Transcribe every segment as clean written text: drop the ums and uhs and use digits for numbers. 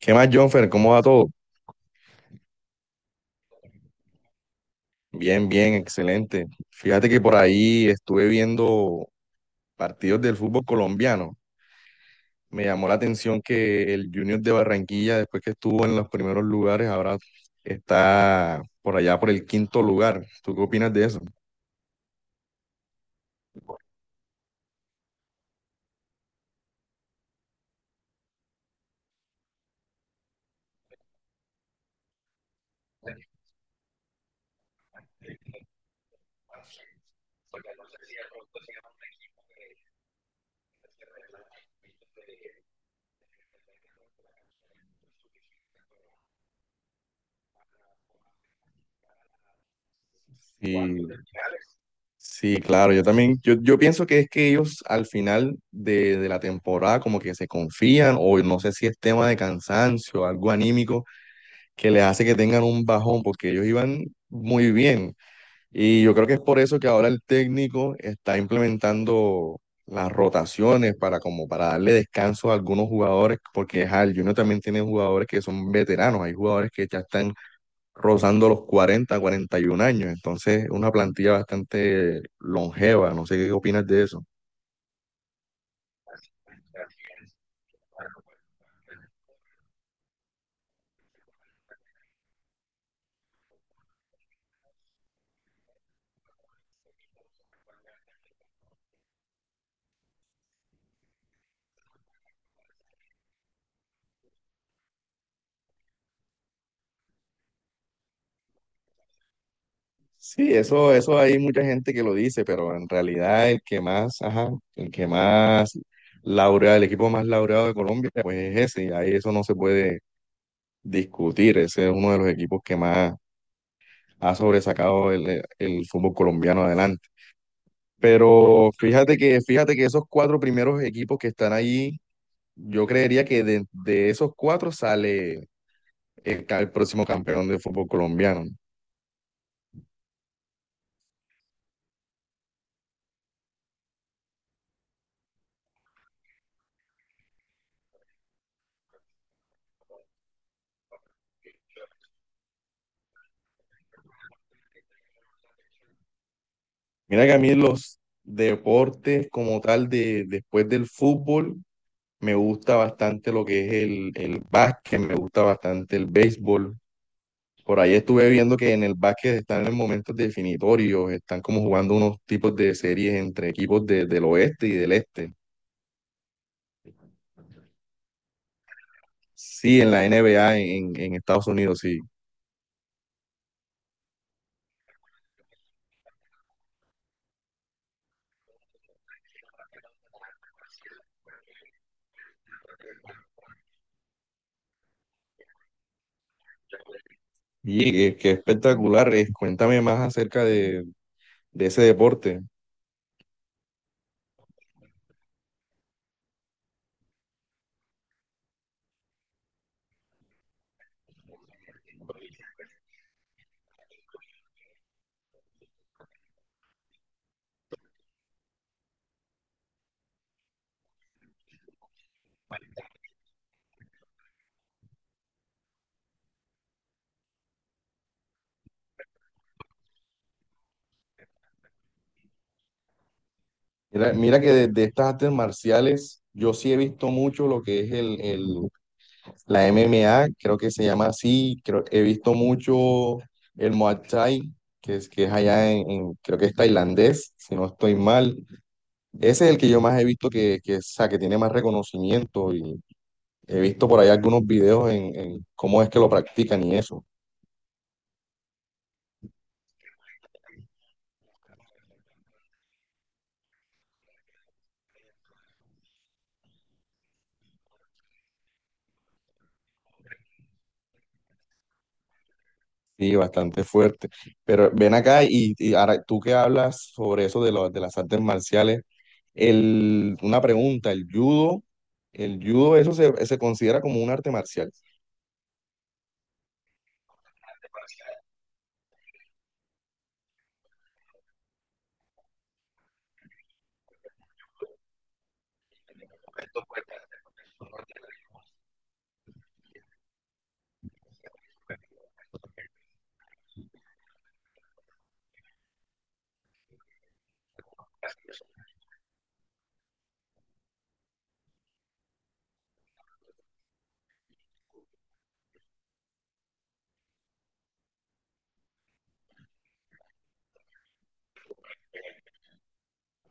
¿Qué más, Jonfer? ¿Cómo va todo? Bien, bien, excelente. Fíjate que por ahí estuve viendo partidos del fútbol colombiano. Me llamó la atención que el Junior de Barranquilla, después que estuvo en los primeros lugares, ahora está por allá por el quinto lugar. ¿Tú qué opinas de eso? Sí, sí, claro, yo también, yo pienso que es que ellos al final de la temporada como que se confían o no sé si es tema de cansancio, algo anímico que les hace que tengan un bajón, porque ellos iban muy bien. Y yo creo que es por eso que ahora el técnico está implementando las rotaciones para como para darle descanso a algunos jugadores, porque ajá, el Junior también tiene jugadores que son veteranos, hay jugadores que ya están rozando los cuarenta y un años, entonces es una plantilla bastante longeva, no sé qué opinas de eso. Sí, eso hay mucha gente que lo dice, pero en realidad el que más, ajá, el que más laureado, el equipo más laureado de Colombia, pues es ese, y ahí eso no se puede discutir. Ese es uno de los equipos que más ha sobresacado el fútbol colombiano adelante. Pero fíjate que esos cuatro primeros equipos que están allí, yo creería que de esos cuatro sale el próximo campeón del fútbol colombiano. Mira que a mí los deportes como tal de después del fútbol me gusta bastante lo que es el básquet, me gusta bastante el béisbol. Por ahí estuve viendo que en el básquet están en momentos definitorios, están como jugando unos tipos de series entre del oeste y del este. Sí, en la NBA en Estados Unidos, sí. Y qué, qué espectacular es. Cuéntame más acerca de ese deporte. Mira que de estas artes marciales, yo sí he visto mucho lo que es el, la MMA, creo que se llama así, creo, he visto mucho el Muay Thai, que es allá creo que es tailandés, si no estoy mal. Ese es el que yo más he visto o sea, que tiene más reconocimiento y he visto por ahí algunos videos en cómo es que lo practican y eso. Sí, bastante fuerte. Pero ven acá y ahora tú que hablas sobre eso de las artes marciales, una pregunta, el judo, eso se considera como un arte marcial.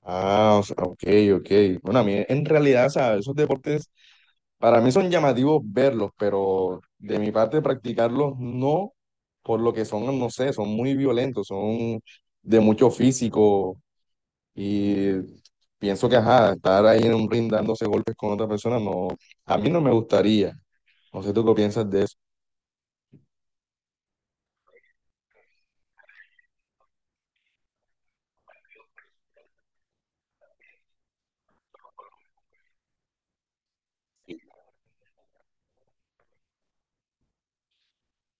Ah, o sea, ok, ok. Bueno, a mí en realidad, o sea, esos deportes para mí son llamativos verlos, pero de mi parte practicarlos no, por lo que son, no sé, son muy violentos, son de mucho físico y pienso que, ajá, estar ahí en un ring dándose golpes con otra persona, no, a mí no me gustaría. No sé tú qué piensas de eso.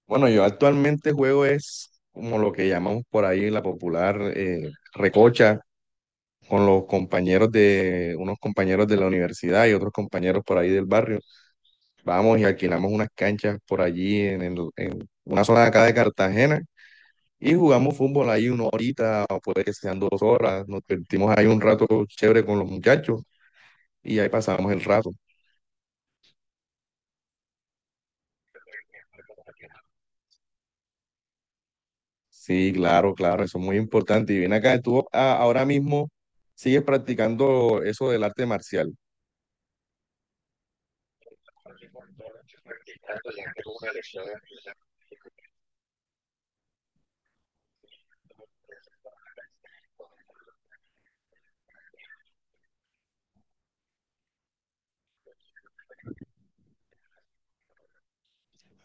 Bueno, yo actualmente juego es como lo que llamamos por ahí en la popular recocha con los compañeros de, unos compañeros de la universidad y otros compañeros por ahí del barrio. Vamos y alquilamos unas canchas por allí en una zona de acá de Cartagena y jugamos fútbol ahí una horita, o puede que sean dos horas. Nos divertimos ahí un rato chévere con los muchachos y ahí pasamos el rato. Sí, claro, claro, eso es muy importante. Y ven acá, ahora mismo sigues practicando eso del arte marcial.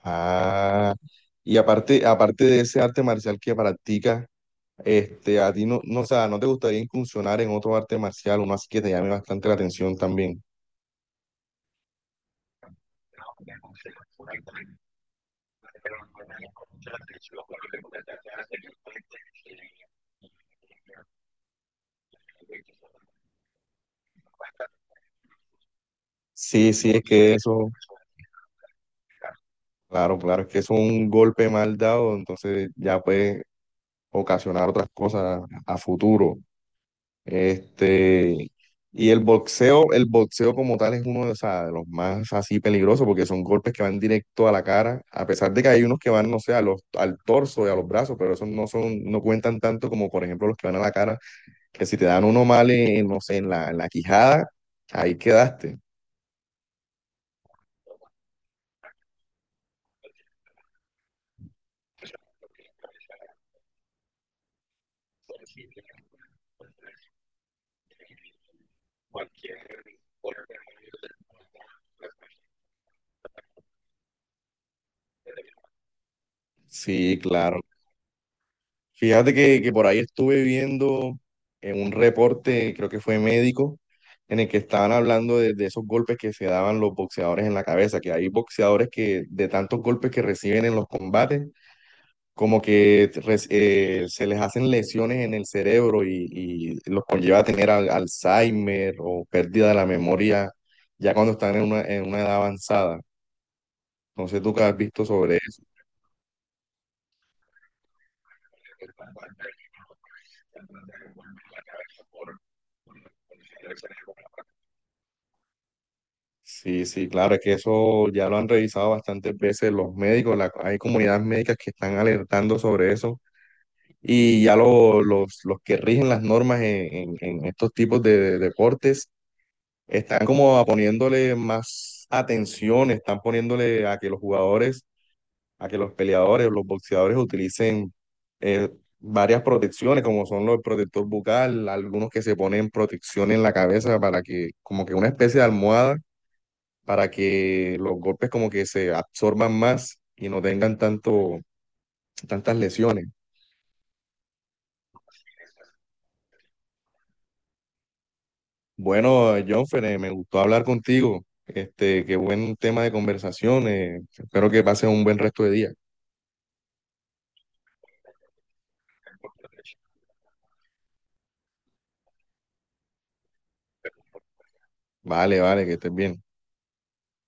Ah, y aparte de ese arte marcial que practicas, este, a ti no, no, o sea, ¿no te gustaría incursionar en otro arte marcial, uno así que te llame bastante la atención también? Sí, sí, es que eso, claro, claro, es que eso es un golpe mal dado, entonces ya puede ocasionar otras cosas a futuro. Este, y el boxeo como tal es uno de, o sea, de los más así peligrosos porque son golpes que van directo a la cara, a pesar de que hay unos que van, no sé, al torso y a los brazos, pero esos no son, no cuentan tanto como por ejemplo los que van a la cara. Que si te dan uno mal en, no sé, en la quijada, ahí quedaste. Sí, claro. Que por ahí estuve viendo en un reporte, creo que fue médico, en el que estaban hablando de esos golpes que se daban los boxeadores en la cabeza, que hay boxeadores que de tantos golpes que reciben en los combates, se les hacen lesiones en el cerebro y los conlleva a tener Alzheimer o pérdida de la memoria ya cuando están en una edad avanzada. No sé tú qué has visto sobre eso. Sí, sí, claro, es que eso ya lo han revisado bastantes veces los médicos, hay comunidades médicas que están alertando sobre eso y los que rigen las normas en estos tipos de deportes están como poniéndole más atención, están poniéndole a que los jugadores, a que los peleadores, los boxeadores utilicen eh, varias protecciones, como son los protector bucal, algunos que se ponen protección en la cabeza para que, como que una especie de almohada para que los golpes como que se absorban más y no tengan tanto, tantas lesiones. Bueno, Jonfer, me gustó hablar contigo. Este, qué buen tema de conversación. Espero que pases un buen resto de día. Vale, vale, que estés bien.